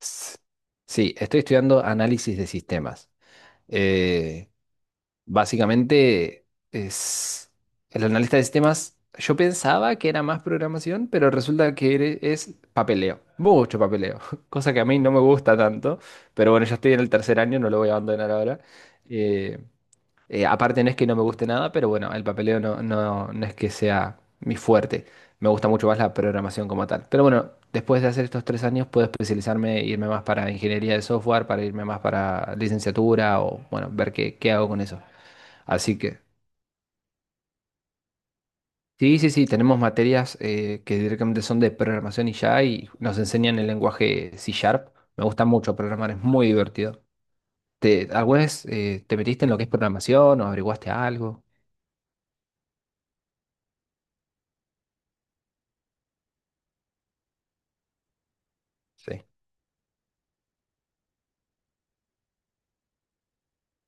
S- Sí, estoy estudiando análisis de sistemas. Eh, Básicamente es el analista de sistemas. Yo pensaba que era más programación, pero resulta que es papeleo, mucho papeleo, cosa que a mí no me gusta tanto, pero bueno, ya estoy en el tercer año, no lo voy a abandonar ahora. Eh, Aparte no es que no me guste nada, pero bueno, el papeleo no es que sea mi fuerte. Me gusta mucho más la programación como tal. Pero bueno, después de hacer estos 3 años puedo especializarme, e irme más para ingeniería de software, para irme más para licenciatura o bueno, ver qué, qué hago con eso. Así que sí, sí, sí, tenemos materias que directamente son de programación y ya y nos enseñan el lenguaje C Sharp. Me gusta mucho programar, es muy divertido. Alguna vez te metiste en lo que es programación o averiguaste algo? Sí.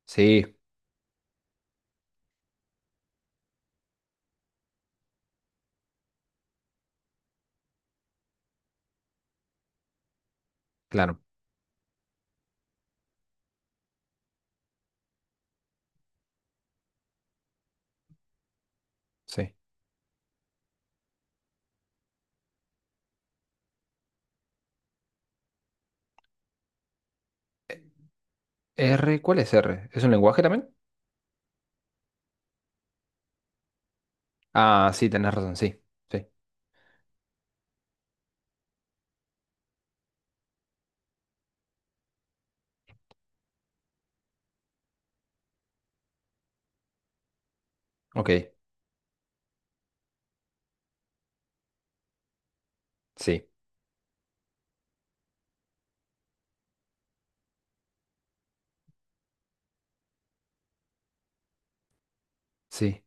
Sí, claro. Sí. R, ¿cuál es R? ¿Es un lenguaje también? Ah, sí, tenés razón, sí. Sí. Ok. Sí. Sí.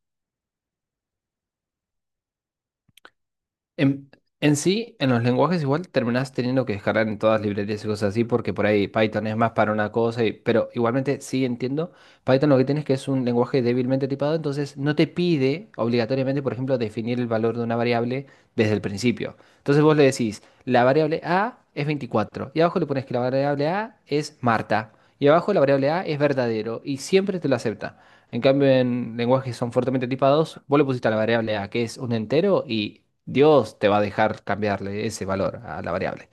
En, en sí, en los lenguajes igual terminás teniendo que descargar en todas las librerías y cosas así, porque por ahí Python es más para una cosa, pero igualmente sí entiendo. Python lo que tiene es que es un lenguaje débilmente tipado, entonces no te pide obligatoriamente, por ejemplo, definir el valor de una variable desde el principio. Entonces vos le decís, la variable A es 24 y abajo le pones que la variable A es Marta, y abajo la variable A es verdadero, y siempre te lo acepta. En cambio, en lenguajes que son fuertemente tipados, vos le pusiste a la variable A, que es un entero, y Dios te va a dejar cambiarle ese valor a la variable.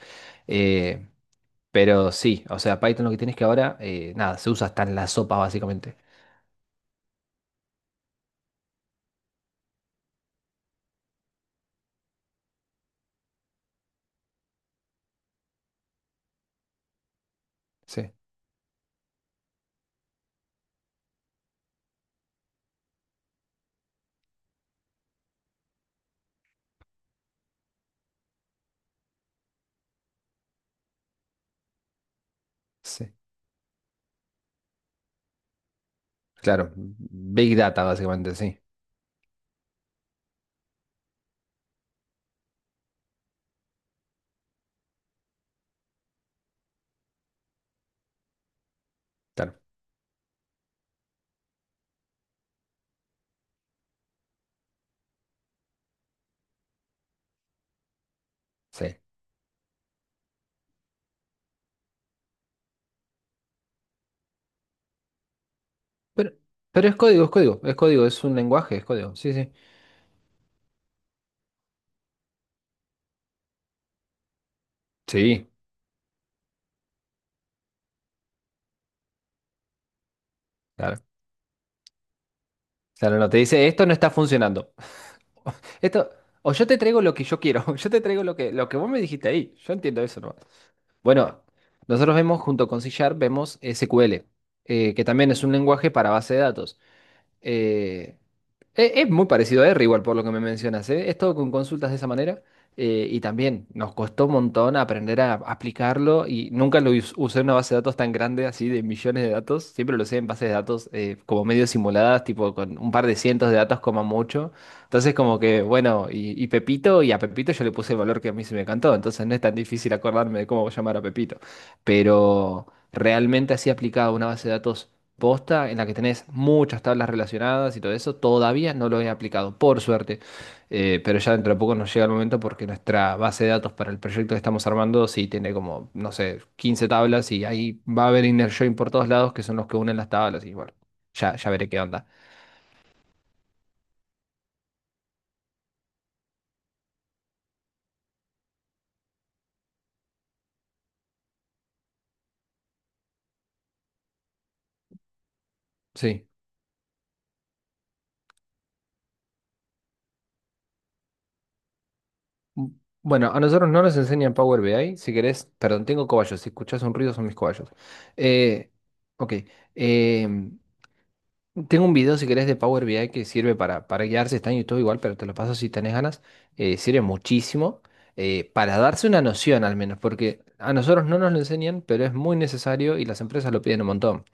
Eh, pero sí, o sea, Python lo que tienes que ahora, nada, se usa hasta en la sopa, básicamente. Sí, sí. Claro, Big Data, básicamente, sí. Claro, sí. Pero, pero es código, es código, es código, es un lenguaje, es código. Sí, sí. Sí, claro. Claro, no, te dice, esto no está funcionando. Esto, o yo te traigo lo que yo quiero, yo te traigo lo que vos me dijiste ahí. Yo entiendo eso, ¿no? Bueno, nosotros vemos junto con C Sharp, vemos SQL, que también es un lenguaje para base de datos. Eh, Es muy parecido a R, igual por lo que me mencionas, ¿eh? Es todo con consultas de esa manera. Y también nos costó un montón aprender a aplicarlo y nunca lo usé en una base de datos tan grande, así de millones de datos. Siempre lo usé en bases de datos como medio simuladas, tipo con un par de cientos de datos como mucho. Entonces como que, bueno, y Pepito, y a Pepito yo le puse el valor que a mí se me cantó. Entonces no es tan difícil acordarme de cómo llamar a Pepito. Pero realmente así aplicado a una base de datos posta en la que tenés muchas tablas relacionadas y todo eso, todavía no lo he aplicado, por suerte. Pero ya dentro de poco nos llega el momento porque nuestra base de datos para el proyecto que estamos armando sí tiene como, no sé, 15 tablas y ahí va a haber inner join por todos lados que son los que unen las tablas y bueno, ya, ya veré qué onda. Sí. Mm, Bueno, a nosotros no nos enseñan Power BI, si querés, perdón, tengo cobayos, si escuchás un ruido son mis cobayos. Eh, ok, em, Tengo un video, si querés, de Power BI que sirve para guiarse. Está en YouTube igual, pero te lo paso si tenés ganas. Sirve muchísimo para darse una noción, al menos, porque a nosotros no nos lo enseñan, pero es muy necesario y las empresas lo piden un montón.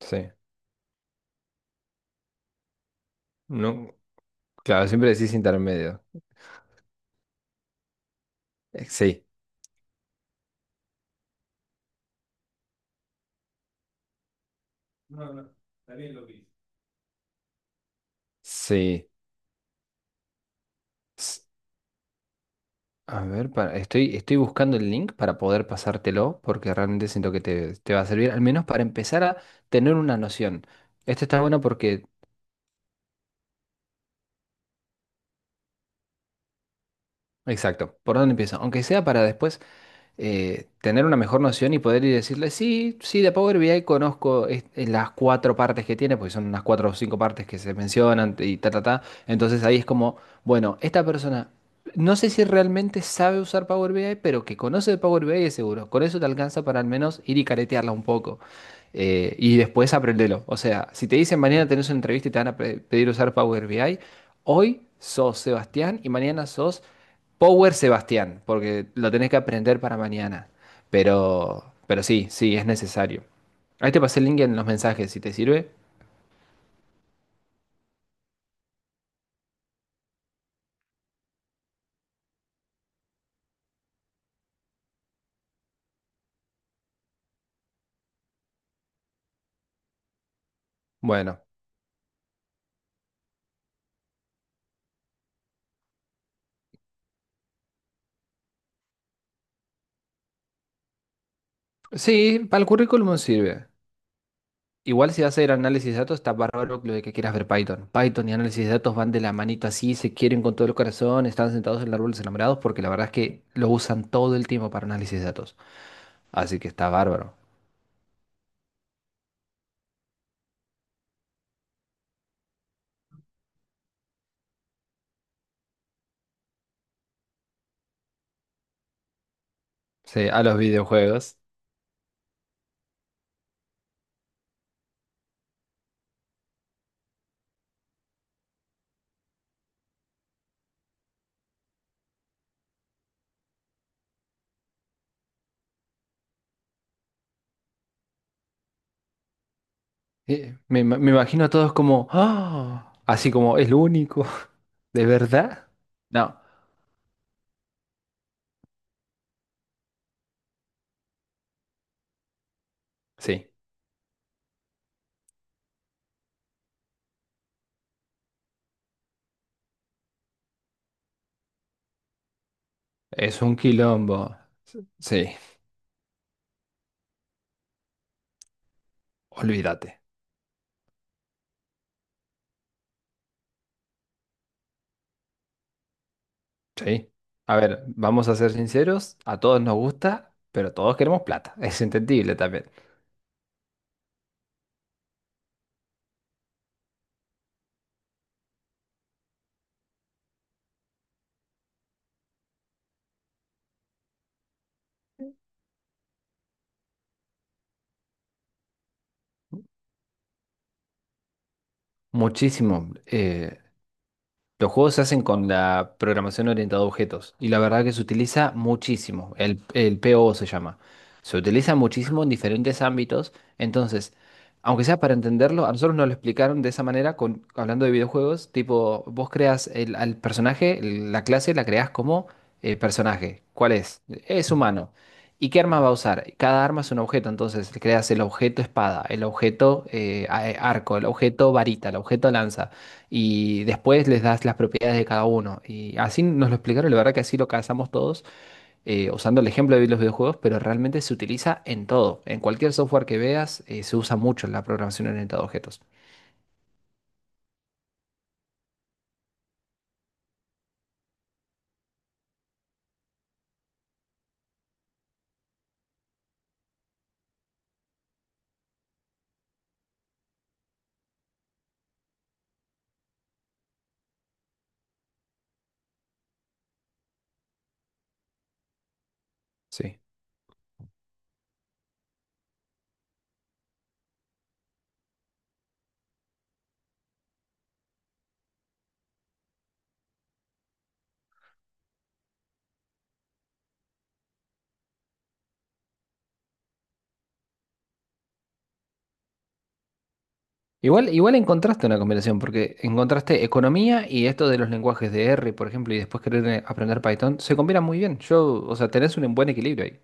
Sí. No, claro, siempre decís intermedio. Sí, sí. S- A ver, estoy buscando el link para poder pasártelo, porque realmente siento que te va a servir, al menos para empezar a tener una noción. Este está bueno porque, exacto, ¿por dónde empieza? Aunque sea para después. Tener una mejor noción y poder ir y decirle, sí, sí, de Power BI conozco las cuatro partes que tiene, porque son unas cuatro o cinco partes que se mencionan y ta, ta, ta. Entonces ahí es como, bueno, esta persona, no sé si realmente sabe usar Power BI, pero que conoce de Power BI es seguro. Con eso te alcanza para al menos ir y caretearla un poco. Y después aprendelo. O sea, si te dicen mañana tenés una entrevista y te van a pedir usar Power BI, hoy sos Sebastián y mañana sos Power Sebastián, porque lo tenés que aprender para mañana. Pero sí, sí, es necesario. Ahí te pasé el link en los mensajes, si te sirve. Bueno, sí, para el currículum sirve. Igual si vas a ir a análisis de datos, está bárbaro lo de que quieras ver Python. Python y análisis de datos van de la manito así, se quieren con todo el corazón, están sentados en el árbol de los enamorados porque la verdad es que lo usan todo el tiempo para análisis de datos. Así que está bárbaro. Sí, a los videojuegos. Me imagino a todos como, "Ah", así como, es lo único. ¿De verdad? No, sí, es un quilombo. Sí, olvídate. Sí. A ver, vamos a ser sinceros, a todos nos gusta, pero todos queremos plata. Es entendible también. Muchísimo. Los juegos se hacen con la programación orientada a objetos y la verdad que se utiliza muchísimo, el PO se llama. Se utiliza muchísimo en diferentes ámbitos, entonces, aunque sea para entenderlo, a nosotros nos lo explicaron de esa manera con, hablando de videojuegos, tipo, vos creas al personaje, la clase la creas como personaje. ¿Cuál es? Es humano. ¿Y qué arma va a usar? Cada arma es un objeto, entonces creas el objeto espada, el objeto arco, el objeto varita, el objeto lanza y después les das las propiedades de cada uno. Y así nos lo explicaron, la verdad que así lo cazamos todos, usando el ejemplo de los videojuegos, pero realmente se utiliza en todo. En cualquier software que veas, se usa mucho la programación orientada a objetos. Sí. Igual, igual encontraste una combinación, porque encontraste economía y esto de los lenguajes de R, por ejemplo, y después querer aprender Python, se combina muy bien. Yo, o sea, tenés un buen equilibrio ahí.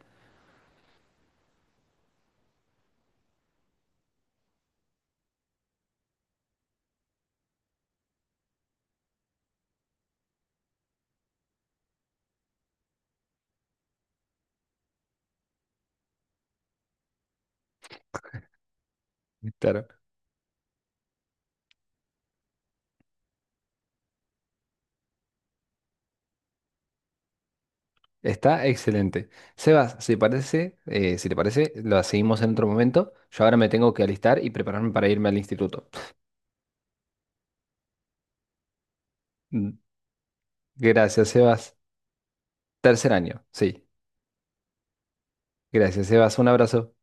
Claro. Está excelente. Sebas, si te parece, lo seguimos en otro momento. Yo ahora me tengo que alistar y prepararme para irme al instituto. Gracias, Sebas. Tercer año, sí. Gracias, Sebas. Un abrazo.